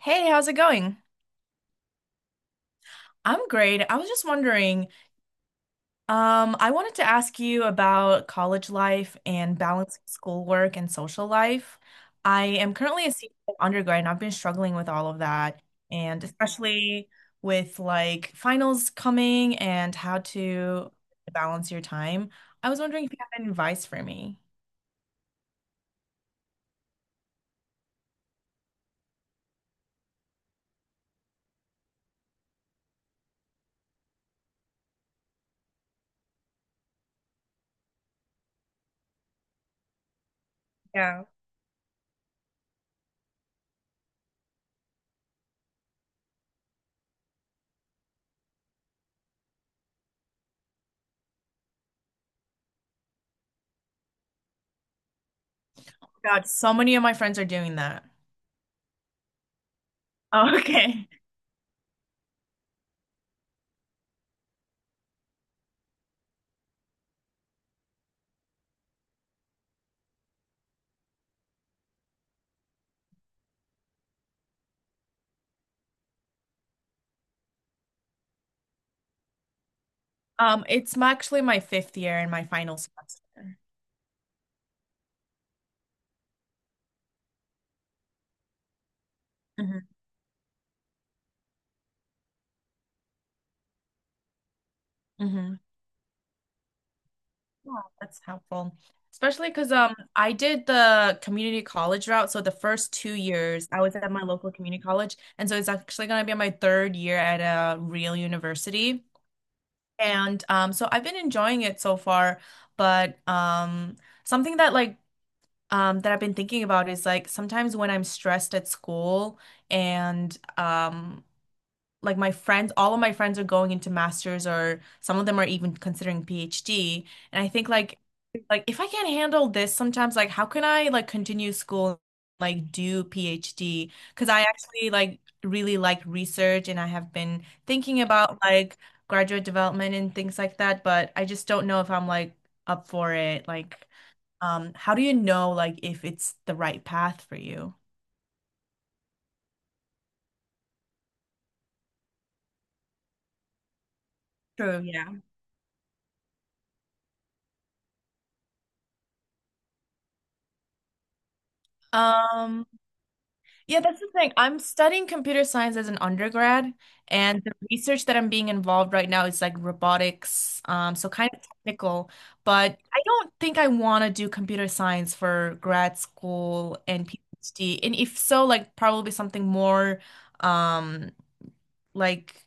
Hey, how's it going? I'm great. I was just wondering, I wanted to ask you about college life and balancing schoolwork and social life. I am currently a senior undergrad and I've been struggling with all of that, and especially with like finals coming and how to balance your time. I was wondering if you have any advice for me. Yeah. God, so many of my friends are doing that. Oh, okay. It's my, actually my fifth year and my final semester. Hmm Yeah, that's helpful. Especially because I did the community college route. So the first 2 years I was at my local community college. And so it's actually gonna be my third year at a real university. And so I've been enjoying it so far, but something that that I've been thinking about is like sometimes when I'm stressed at school and like my friends, all of my friends are going into masters or some of them are even considering PhD. And I think like if I can't handle this sometimes like how can I like continue school like do PhD? Because I actually like really like research and I have been thinking about like graduate development and things like that, but I just don't know if I'm like up for it. Like how do you know like if it's the right path for you? True, yeah. Um, yeah, that's the thing. I'm studying computer science as an undergrad, and the research that I'm being involved right now is like robotics, so kind of technical, but I don't think I want to do computer science for grad school and PhD. And if so, like probably something more um like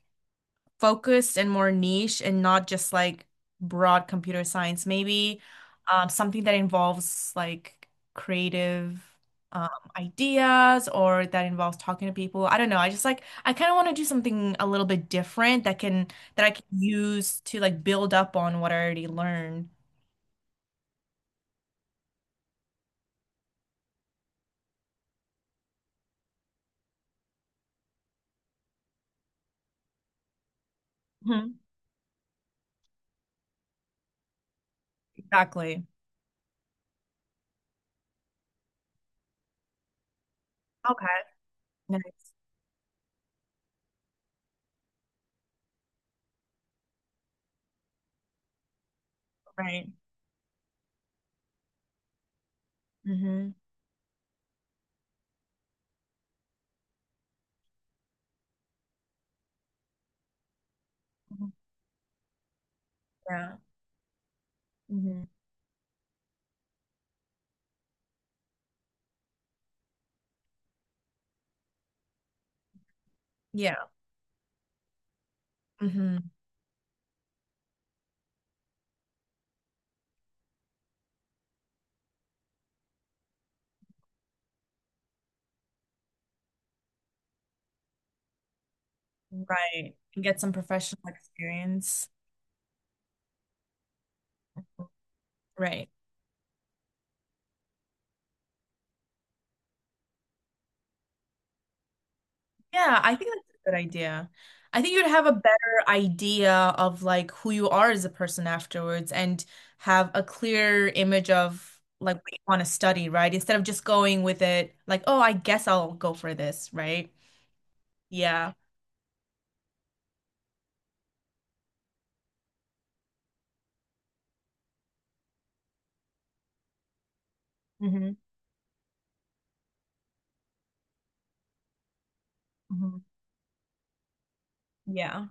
focused and more niche and not just like broad computer science. Maybe something that involves like creative um, ideas or that involves talking to people. I don't know. I just like I kind of want to do something a little bit different that can that I can use to like build up on what I already learned. Mhm. Exactly. Okay. Nice. Right. hmm Yeah. hmm Yeah. hmm Right. And get some professional experience. Right. Yeah, I think that's a good idea. I think you'd have a better idea of like who you are as a person afterwards and have a clear image of like what you want to study, right? Instead of just going with it like, oh, I guess I'll go for this, right? Yeah. hmm hmm Yeah.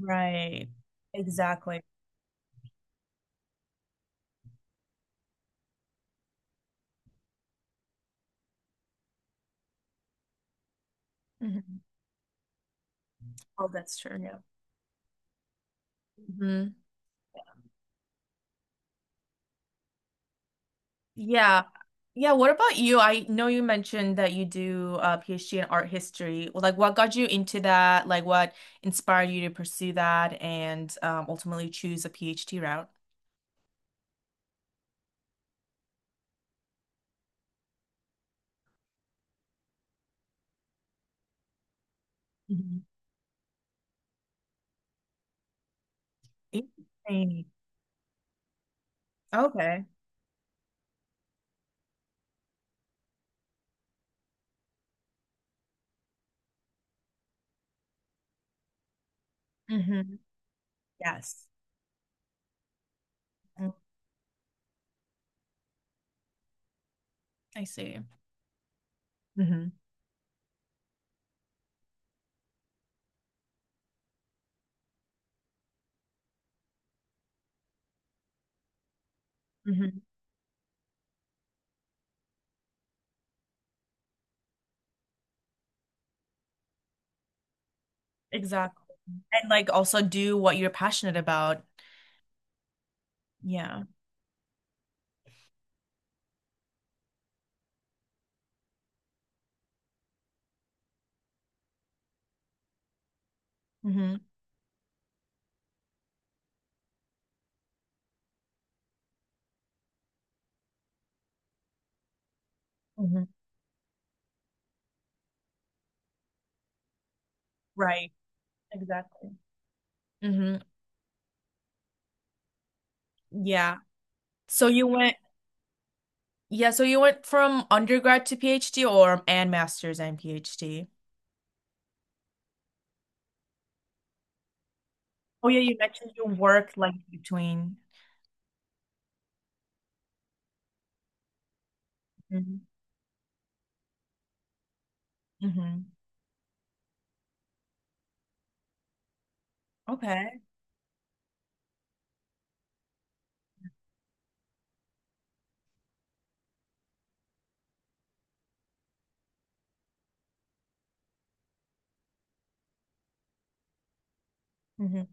Right. Exactly. hmm Oh, that's true. Yeah. Mhm. Yeah. Yeah, what about you? I know you mentioned that you do a PhD in art history. Well, like what got you into that? Like what inspired you to pursue that and ultimately choose a PhD route? Mhm. Interesting. Okay. hmm Yes. Mm, I see. Hmm hmm Exactly. And like also do what you're passionate about. Yeah. hmm hmm Right. Exactly. hmm Yeah. So you went Yeah, so you went from undergrad to PhD or and master's and PhD. Oh yeah, you mentioned you worked like between. Hmm hmm Okay. hmm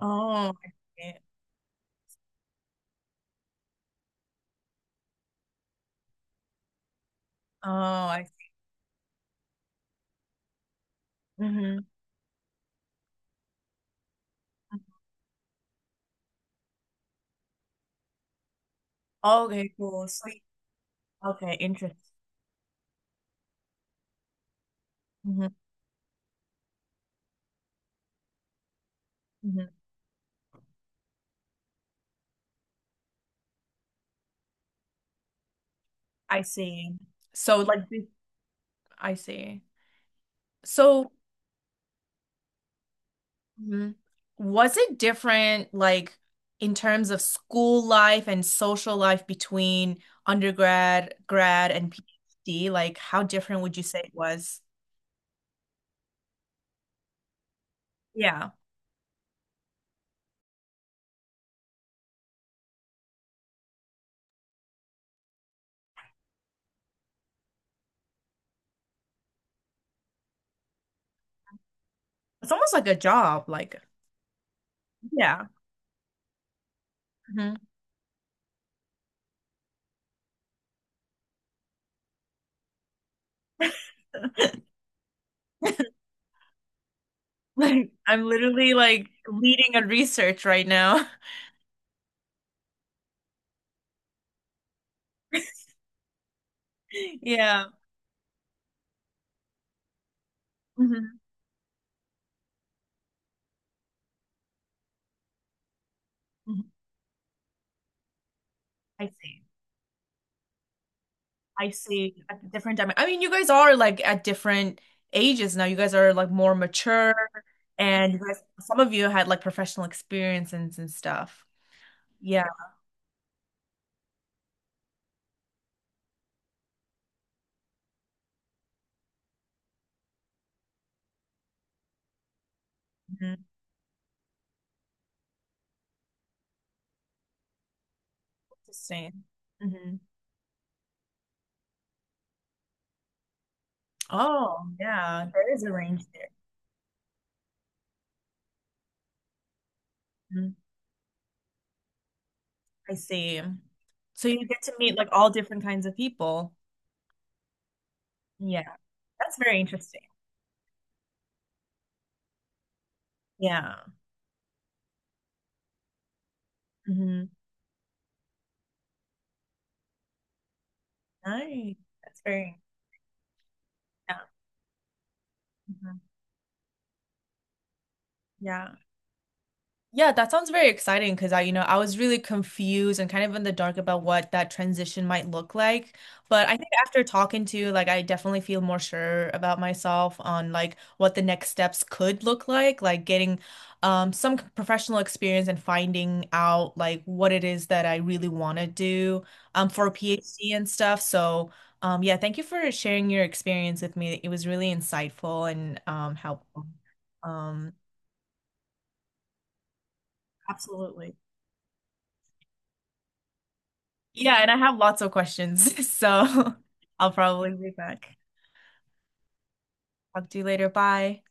Oh, I see. Oh, I see. Hmm Okay, cool. So okay, interesting. Hmm hmm I see. So like this, I see. So Mhm. Was it different, like in terms of school life and social life between undergrad, grad, and PhD? Like, how different would you say it was? Yeah. It's almost like a job, like, yeah. Mhm. Like, I'm literally like leading a research right now. Yeah. Mhm. Mhm. I see. I see at the different time. I mean, you guys are like at different ages now. You guys are like more mature, and you guys, some of you had like professional experiences and stuff. Yeah. Mhm. Interesting. Hmm Oh, yeah. There is a range there. Mhm. I see. So you get to meet like all different kinds of people. Yeah. That's very interesting. Yeah. hmm Nice. That's very, yeah. hmm Yeah. Yeah, that sounds very exciting because I, you know, I was really confused and kind of in the dark about what that transition might look like. But I think after talking to you, like I definitely feel more sure about myself on like what the next steps could look like getting some c- professional experience and finding out like what it is that I really want to do for a PhD and stuff. So yeah, thank you for sharing your experience with me. It was really insightful and helpful. Um, absolutely. Yeah, and I have lots of questions, so I'll probably be back. Talk to you later. Bye.